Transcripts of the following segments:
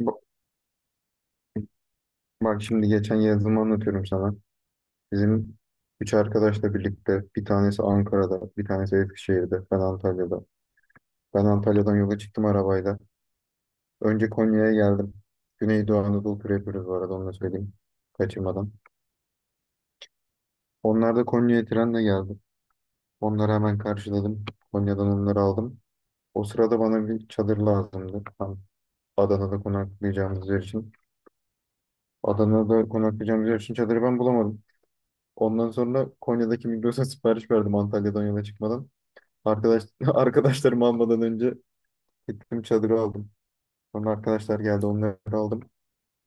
Bak, bak şimdi geçen yazımı anlatıyorum sana. Bizim üç arkadaşla birlikte bir tanesi Ankara'da, bir tanesi Eskişehir'de, ben Antalya'da. Ben Antalya'dan yola çıktım arabayla. Önce Konya'ya geldim. Güneydoğu Anadolu turu yapıyoruz, bu arada onu da söyleyeyim. Kaçırmadan. Onlar da Konya'ya trenle geldi. Onları hemen karşıladım. Konya'dan onları aldım. O sırada bana bir çadır lazımdı. Tam Adana'da konaklayacağımız yer için. Adana'da konaklayacağımız yer için çadırı ben bulamadım. Ondan sonra Konya'daki Migros'a sipariş verdim Antalya'dan yola çıkmadan. Arkadaş, arkadaşlarımı almadan önce gittim çadırı aldım. Sonra arkadaşlar geldi, onları aldım.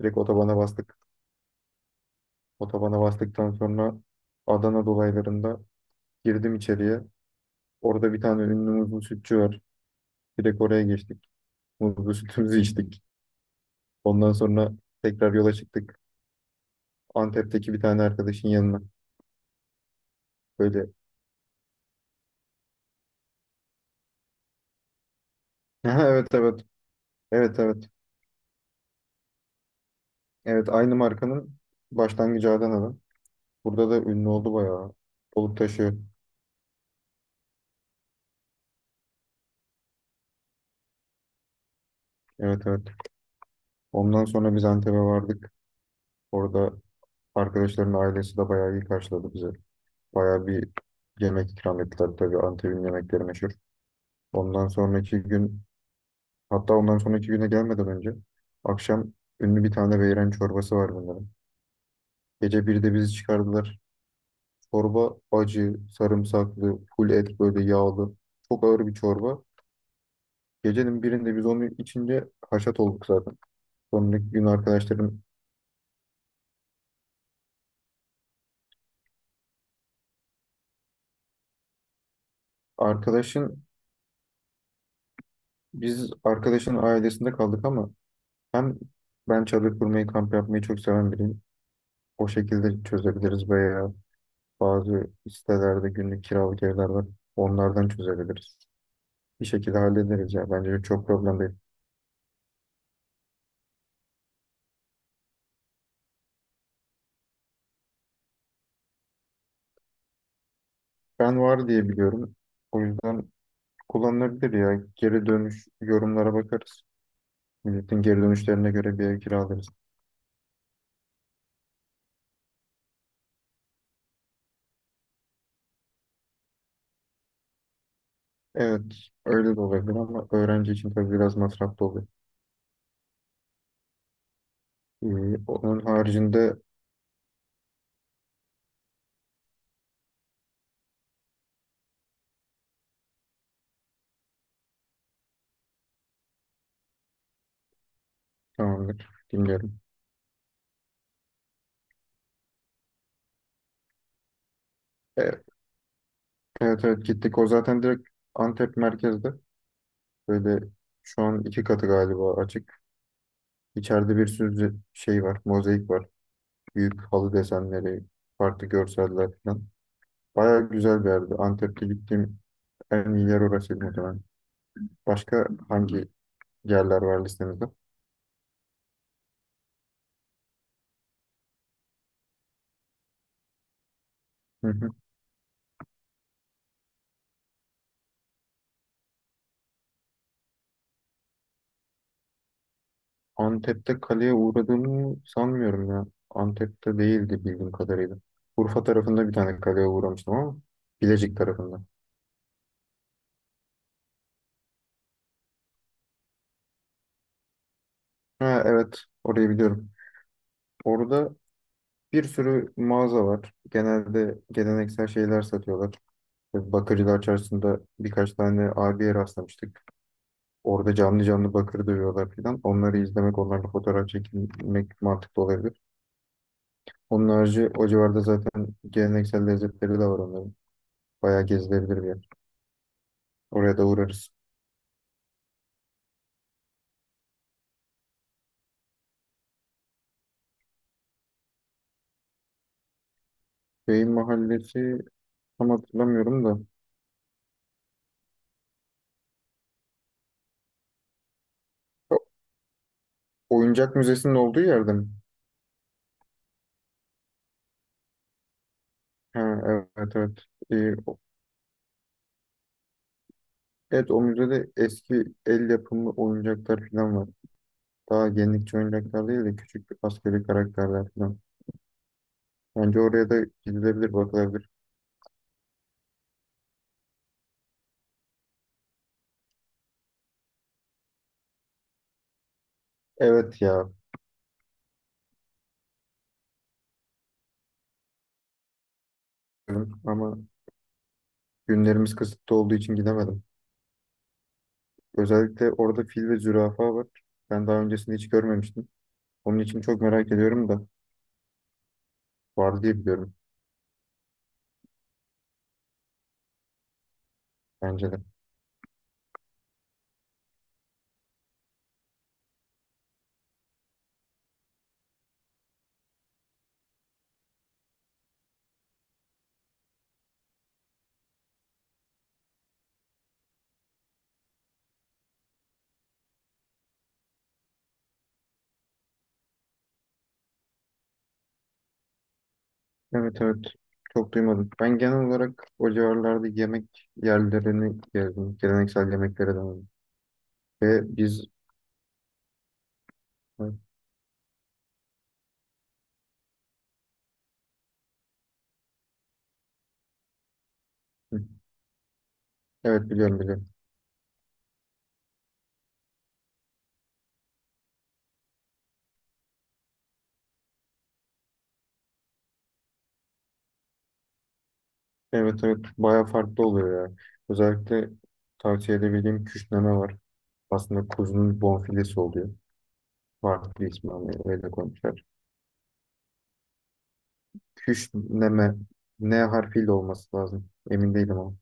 Direkt otobana bastık. Otobana bastıktan sonra Adana dolaylarında girdim içeriye. Orada bir tane ünlü muzlu sütçü var. Direkt oraya geçtik. Muzlu sütümüzü içtik. Ondan sonra tekrar yola çıktık. Antep'teki bir tane arkadaşın yanına. Böyle. Evet, evet. Evet, evet. Evet, aynı markanın başlangıcı Adana'da. Burada da ünlü oldu bayağı. Balıktaşı. Evet, evet. Ondan sonra biz Antep'e vardık. Orada arkadaşların ailesi de bayağı iyi karşıladı bizi. Bayağı bir yemek ikram ettiler. Tabii Antep'in yemekleri meşhur. Ondan sonraki gün, hatta ondan sonraki güne gelmeden önce akşam, ünlü bir tane beyran çorbası var bunların. Gece 1'de bizi çıkardılar. Çorba acı, sarımsaklı, full et, böyle yağlı. Çok ağır bir çorba. Gecenin birinde biz onu içince haşat olduk zaten. Sonraki gün arkadaşlarım. Arkadaşın, biz arkadaşın ailesinde kaldık ama hem ben çadır kurmayı, kamp yapmayı çok seven biriyim. O şekilde çözebiliriz veya bazı sitelerde günlük kiralık evler var. Onlardan çözebiliriz. Bir şekilde hallederiz ya. Bence çok problem değil. Ben var diye biliyorum. O yüzden kullanılabilir ya. Geri dönüş yorumlara bakarız. Milletin geri dönüşlerine göre bir ev kiralarız. Evet, öyle de olabilir ama öğrenci için tabii biraz masraflı oluyor. Onun haricinde. Tamamdır. Dinliyorum. Evet, evet, evet, gittik. O zaten direkt Antep merkezde. Böyle şu an iki katı galiba açık. İçeride bir sürü şey var. Mozaik var. Büyük halı desenleri, farklı görseller falan. Baya güzel bir yerdi. Antep'te gittiğim en iyi yer orasıydı muhtemelen. Başka hangi yerler var listenizde? Hı hı. Antep'te kaleye uğradığımı sanmıyorum ya. Antep'te değildi bildiğim kadarıyla. Urfa tarafında bir tane kaleye uğramıştım ama Bilecik tarafında. Ha, evet, orayı biliyorum. Orada bir sürü mağaza var. Genelde geleneksel şeyler satıyorlar. Bakırcılar Çarşısı'nda birkaç tane abiye rastlamıştık. Orada canlı canlı bakır dövüyorlar filan. Onları izlemek, onlarla fotoğraf çekilmek mantıklı olabilir. Onun harici o civarda zaten geleneksel lezzetleri de var onların. Bayağı gezilebilir bir yer. Oraya da uğrarız. Beyin Mahallesi tam hatırlamıyorum da. O- Oyuncak Müzesi'nin olduğu yerde mi? Ha, evet, evet. Ee, evet, o müzede eski el yapımı oyuncaklar falan var. Daha yenilikçi oyuncaklar değil de küçük bir askeri karakterler falan. Bence oraya da gidilebilir, bakılabilir. Evet ya, diyorum ama günlerimiz kısıtlı olduğu için gidemedim. Özellikle orada fil ve zürafa var. Ben daha öncesinde hiç görmemiştim. Onun için çok merak ediyorum da var diye biliyorum, bence de. Evet, evet, çok duymadım. Ben genel olarak o civarlarda yemek yerlerini gezdim. Geleneksel yemeklere denedim. Ve biz. Hı. Evet, biliyorum, biliyorum. Evet, evet, bayağı farklı oluyor ya. Özellikle tavsiye edebildiğim küşneme var. Aslında kuzunun bonfilesi oluyor. Farklı ismi ama öyle koymuşlar. Küşneme N harfiyle olması lazım. Emin değilim ama.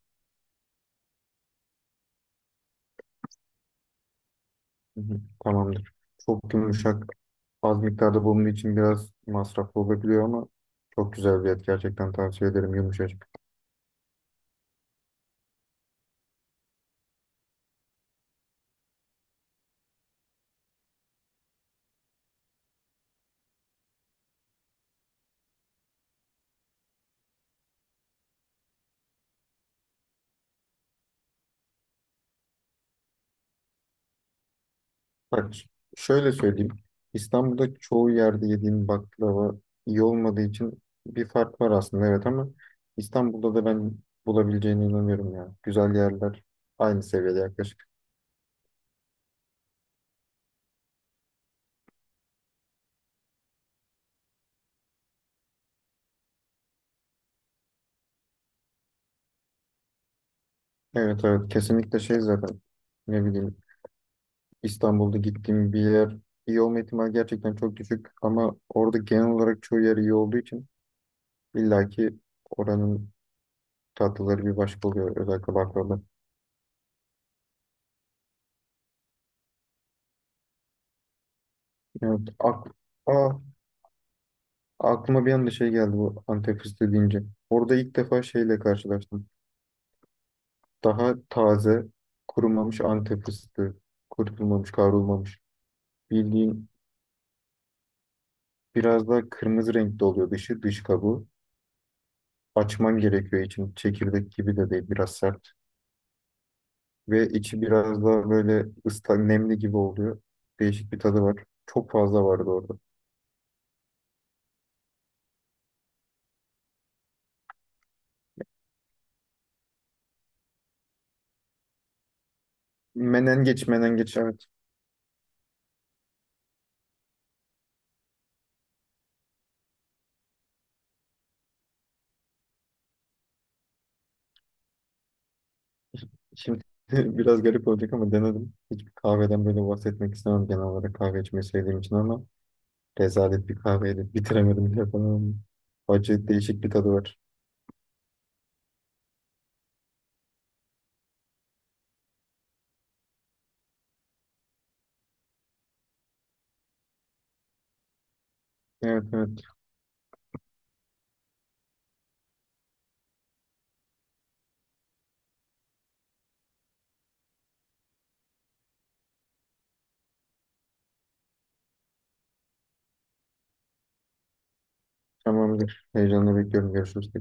Hı hı, tamamdır. Çok yumuşak. Az miktarda bulunduğu için biraz masraflı olabiliyor ama çok güzel bir et. Gerçekten tavsiye ederim. Yumuşacık. Bak ş- şöyle söyleyeyim. İstanbul'da çoğu yerde yediğim baklava iyi olmadığı için bir fark var aslında, evet, ama İstanbul'da da ben bulabileceğine inanıyorum ya. Güzel yerler aynı seviyede yaklaşık. Evet, evet, kesinlikle şey zaten, ne bileyim, İstanbul'da gittiğim bir yer iyi olma ihtimali gerçekten çok düşük ama orada genel olarak çoğu yer iyi olduğu için illaki oranın tatlıları bir başka oluyor, özellikle baklava. Evet ak- Aa, Aklıma bir anda şey geldi bu Antep fıstığı deyince. Orada ilk defa şeyle karşılaştım. Daha taze, kurumamış Antep fıstığı. Kurutulmamış, kavrulmamış. Bildiğin biraz daha kırmızı renkte oluyor dışı, dış kabuğu. Açman gerekiyor için. Çekirdek gibi de değil, biraz sert. Ve içi biraz daha böyle ıslak, nemli gibi oluyor. Değişik bir tadı var. Çok fazla vardı orada. Menengeç, menengeç. Evet. Şimdi biraz garip olacak ama denedim. Hiçbir kahveden böyle bahsetmek istemem genel olarak kahve içmeyi sevdiğim için ama rezalet bir kahveydi. Bitiremedim bile falan. Acı, değişik bir tadı var. Evet, evet, tamamdır. Heyecanla bekliyorum. Görüşürüz.